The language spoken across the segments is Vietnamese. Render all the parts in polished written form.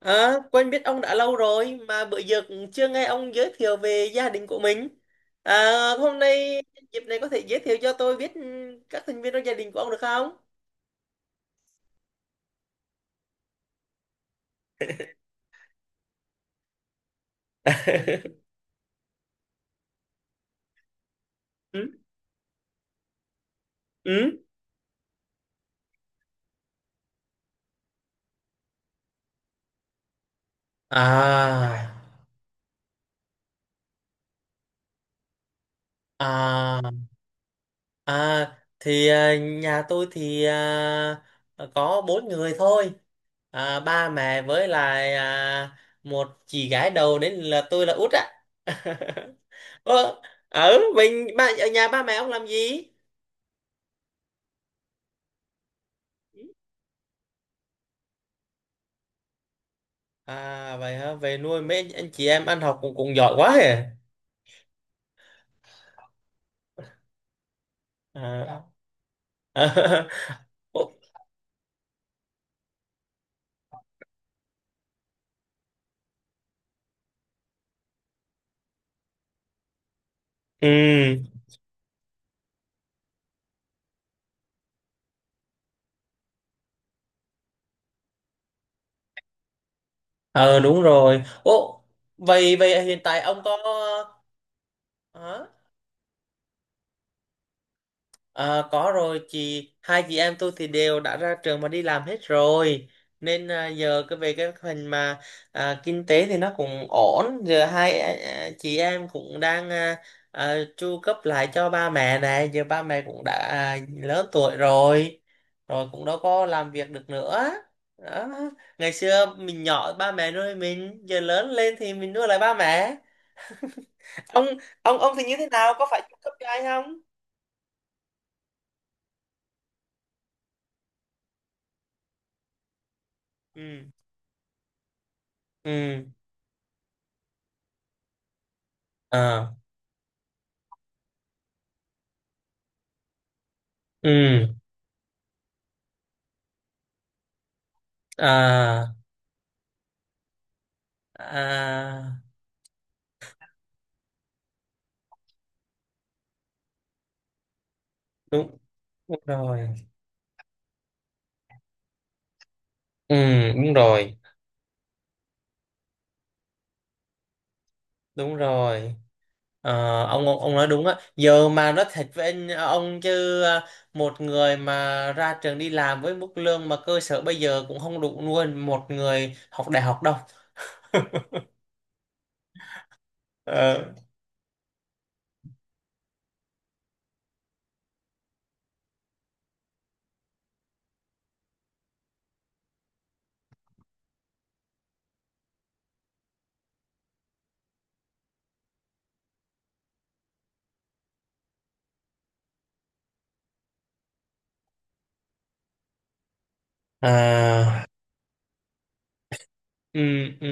Quen biết ông đã lâu rồi mà bữa giờ cũng chưa nghe ông giới thiệu về gia đình của mình. À, hôm nay dịp này có thể giới thiệu cho tôi biết các thành viên trong gia đình của ông được không? Ừ. Ừ. À, à, Nhà tôi thì có bốn người thôi. Ba mẹ với lại một chị gái đầu nên là tôi là út á. Ờ, ở mình ba ở nhà, ba mẹ ông làm gì? À vậy hả? Nuôi mấy anh chị em ăn học cũng cũng giỏi quá hề. À. Ồ. Ừ. Ờ đúng rồi. Ồ, vậy vậy hiện tại ông có, hả? Ờ, có rồi, chị hai chị em tôi thì đều đã ra trường mà đi làm hết rồi, nên giờ cái về cái phần mà kinh tế thì nó cũng ổn. Giờ hai chị em cũng đang chu cấp lại cho ba mẹ này. Giờ ba mẹ cũng đã lớn tuổi rồi, rồi cũng đâu có làm việc được nữa đó. Ngày xưa mình nhỏ ba mẹ nuôi mình, giờ lớn lên thì mình nuôi lại ba mẹ. Ông ông ông thì như thế nào, có phải chu cấp cho ai không? Ừ. Ừ. Ờ. Ừ. À. À đúng đúng rồi. Ừ đúng rồi, đúng rồi. Ờ, ông nói đúng á. Giờ mà nói thật với anh ông chứ một người mà ra trường đi làm với mức lương mà cơ sở bây giờ cũng không đủ nuôi một người học đại học đâu. Ờ. À. Ừ. Ừ.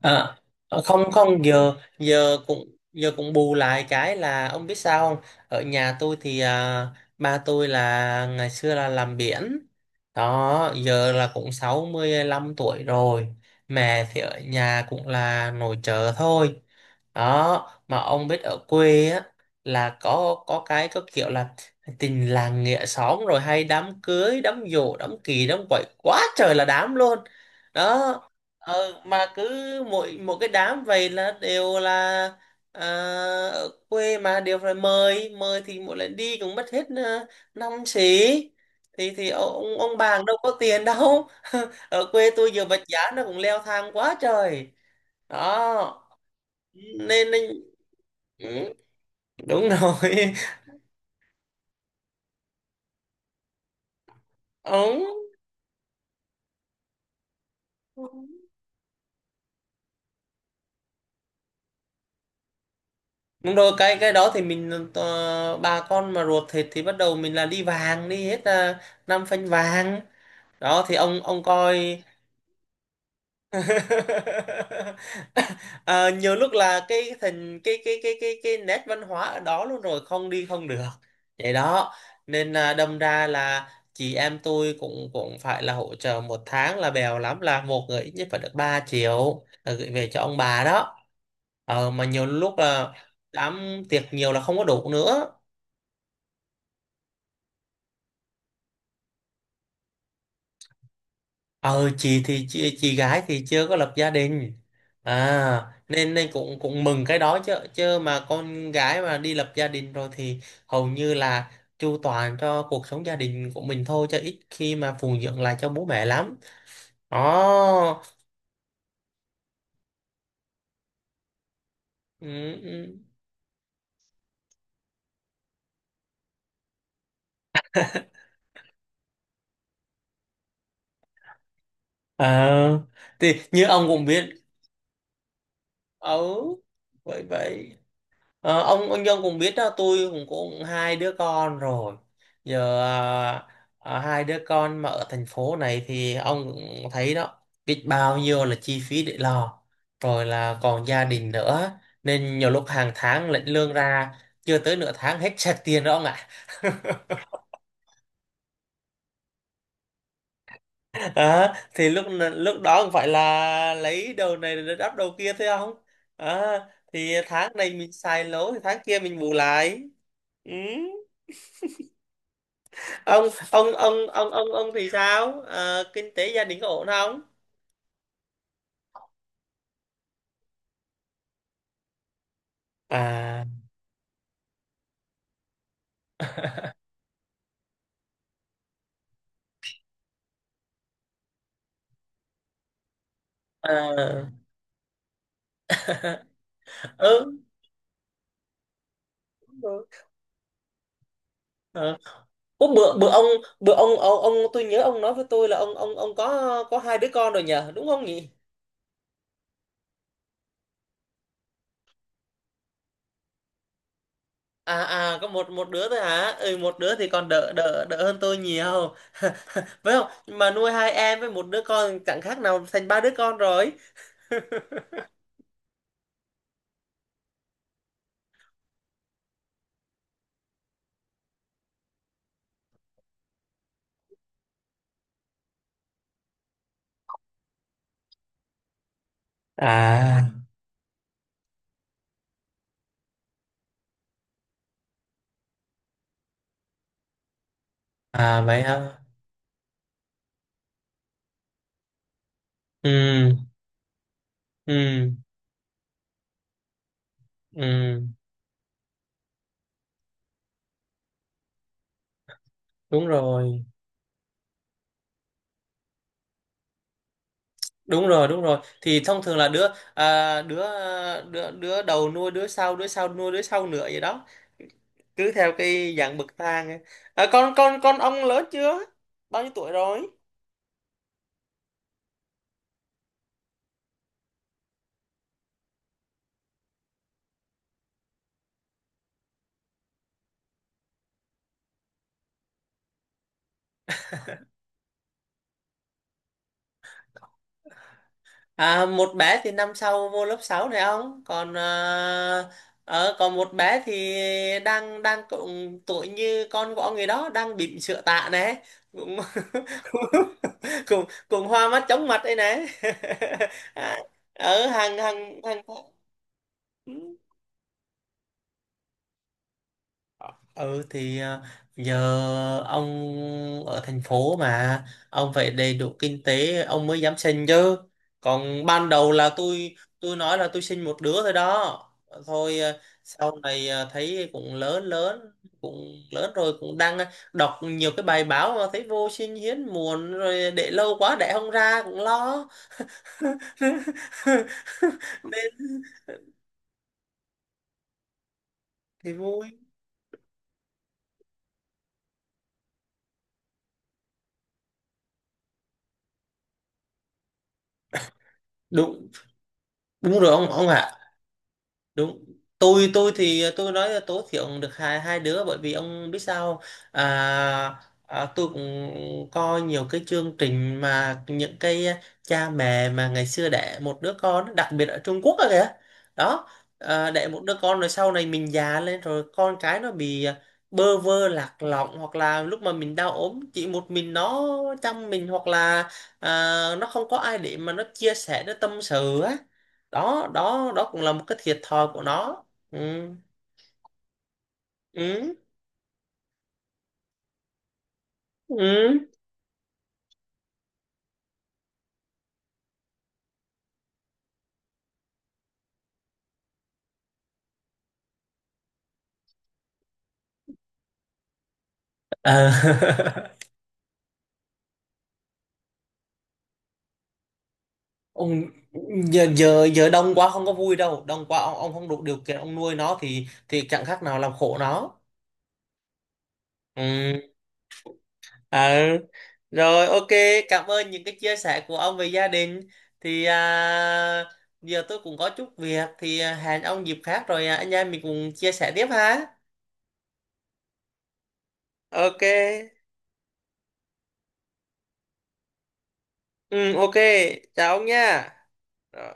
À, không không giờ, giờ cũng bù lại cái là ông biết sao không. Ở nhà tôi thì ba tôi là ngày xưa là làm biển đó, giờ là cũng 65 tuổi rồi. Mẹ thì ở nhà cũng là nội trợ thôi đó. Mà ông biết ở quê á là có cái có kiểu là tình làng nghĩa xóm, rồi hay đám cưới, đám giỗ, đám kỳ, đám quậy, quá trời là đám luôn đó. Ờ, mà cứ mỗi một cái đám vậy là đều là à, ở quê mà đều phải mời. Mời thì mỗi lần đi cũng mất hết năm xí, thì ông bà đâu có tiền đâu. Ở quê tôi giờ vật giá nó cũng leo thang quá trời đó. Nên ừ, đúng rồi. Ông đúng rồi, cái đó thì mình bà con mà ruột thịt thì bắt đầu mình là đi vàng đi hết, là năm phanh vàng đó. Thì ông coi. Ờ, nhiều lúc là cái thành cái nét văn hóa ở đó luôn rồi, không đi không được vậy đó. Nên là đâm ra là chị em tôi cũng cũng phải là hỗ trợ một tháng là bèo lắm, là một người ít nhất phải được 3 triệu là gửi về cho ông bà đó. Ờ, mà nhiều lúc là đám tiệc nhiều là không có đủ nữa. Chị gái thì chưa có lập gia đình à, nên nên cũng cũng mừng cái đó chứ. Chứ mà con gái mà đi lập gia đình rồi thì hầu như là chu toàn cho cuộc sống gia đình của mình thôi, chứ ít khi mà phụng dưỡng lại cho bố mẹ lắm đó. Ừ. Ừ. À thì như ông cũng biết. Ừ. vậy vậy ờ, ông Nhân cũng biết đó, tôi cũng cũng hai đứa con rồi giờ. Hai đứa con mà ở thành phố này thì ông cũng thấy đó, biết bao nhiêu là chi phí để lo, rồi là còn gia đình nữa, nên nhiều lúc hàng tháng lĩnh lương ra chưa tới nửa tháng hết sạch tiền đó ông ạ. Đó, thì lúc lúc đó không phải là lấy đầu này để đắp đầu kia thôi không. Đó, thì tháng này mình xài lỗ thì tháng kia mình bù lại. Ừ. ông thì sao? Ờ, kinh tế gia đình có ổn không? À. Ờ. Ừ. Ờ. Ủa, bữa bữa ông tôi nhớ ông nói với tôi là ông có hai đứa con rồi nhờ, đúng không nhỉ? À, có một, đứa thôi hả. Ừ, một đứa thì còn đỡ đỡ đỡ hơn tôi nhiều. Phải không? Nhưng mà nuôi hai em với một đứa con chẳng khác nào thành ba đứa con rồi. À. À vậy hả. Ừ. Ừ. Ừ đúng rồi đúng rồi đúng rồi, thì thông thường là đứa à, đứa đứa đầu nuôi đứa sau, đứa sau nuôi đứa sau nữa vậy đó, cứ theo cái dạng bậc thang ấy. À, con ông lớn chưa, bao nhiêu tuổi rồi? À, một bé thì năm sau vô lớp 6 này ông, còn còn một bé thì đang đang cũng tuổi như con của ông người đó, đang bỉm sữa tạ này cũng. cùng cùng hoa mắt chóng mặt đây này. À, ở hàng hàng hàng. Ừ. Ừ thì ờ, giờ ông ở thành phố mà, ông phải đầy đủ kinh tế ông mới dám sinh chứ. Còn ban đầu là tôi nói là tôi sinh một đứa thôi đó. Thôi, sau này thấy cũng lớn lớn, cũng lớn rồi cũng đang đọc nhiều cái bài báo mà thấy vô sinh hiếm muộn, rồi để lâu quá đẻ không ra cũng lo. Nên thì vui. Đúng, đúng rồi ông ạ. Đúng, tôi thì tôi nói là tối thiểu được hai hai đứa, bởi vì ông biết sao không? à, tôi cũng coi nhiều cái chương trình mà những cái cha mẹ mà ngày xưa đẻ một đứa con đặc biệt ở Trung Quốc đó kìa đó. À, đẻ một đứa con rồi sau này mình già lên rồi con cái nó bị bơ vơ lạc lõng, hoặc là lúc mà mình đau ốm chỉ một mình nó chăm mình, hoặc là à, nó không có ai để mà nó chia sẻ nó tâm sự á đó. Đó cũng là một cái thiệt thòi của nó. Ừ. Ừ. Ừ. Ờ. Ông giờ giờ giờ đông quá không có vui đâu, đông quá ông không đủ điều kiện ông nuôi nó thì chẳng khác nào làm khổ nó. Ừ. Ờ. Rồi, ok, cảm ơn những cái chia sẻ của ông về gia đình thì giờ tôi cũng có chút việc thì hẹn ông dịp khác rồi anh em mình cùng chia sẻ tiếp ha. Ok. Ừ, ok, chào ông nha. Rồi.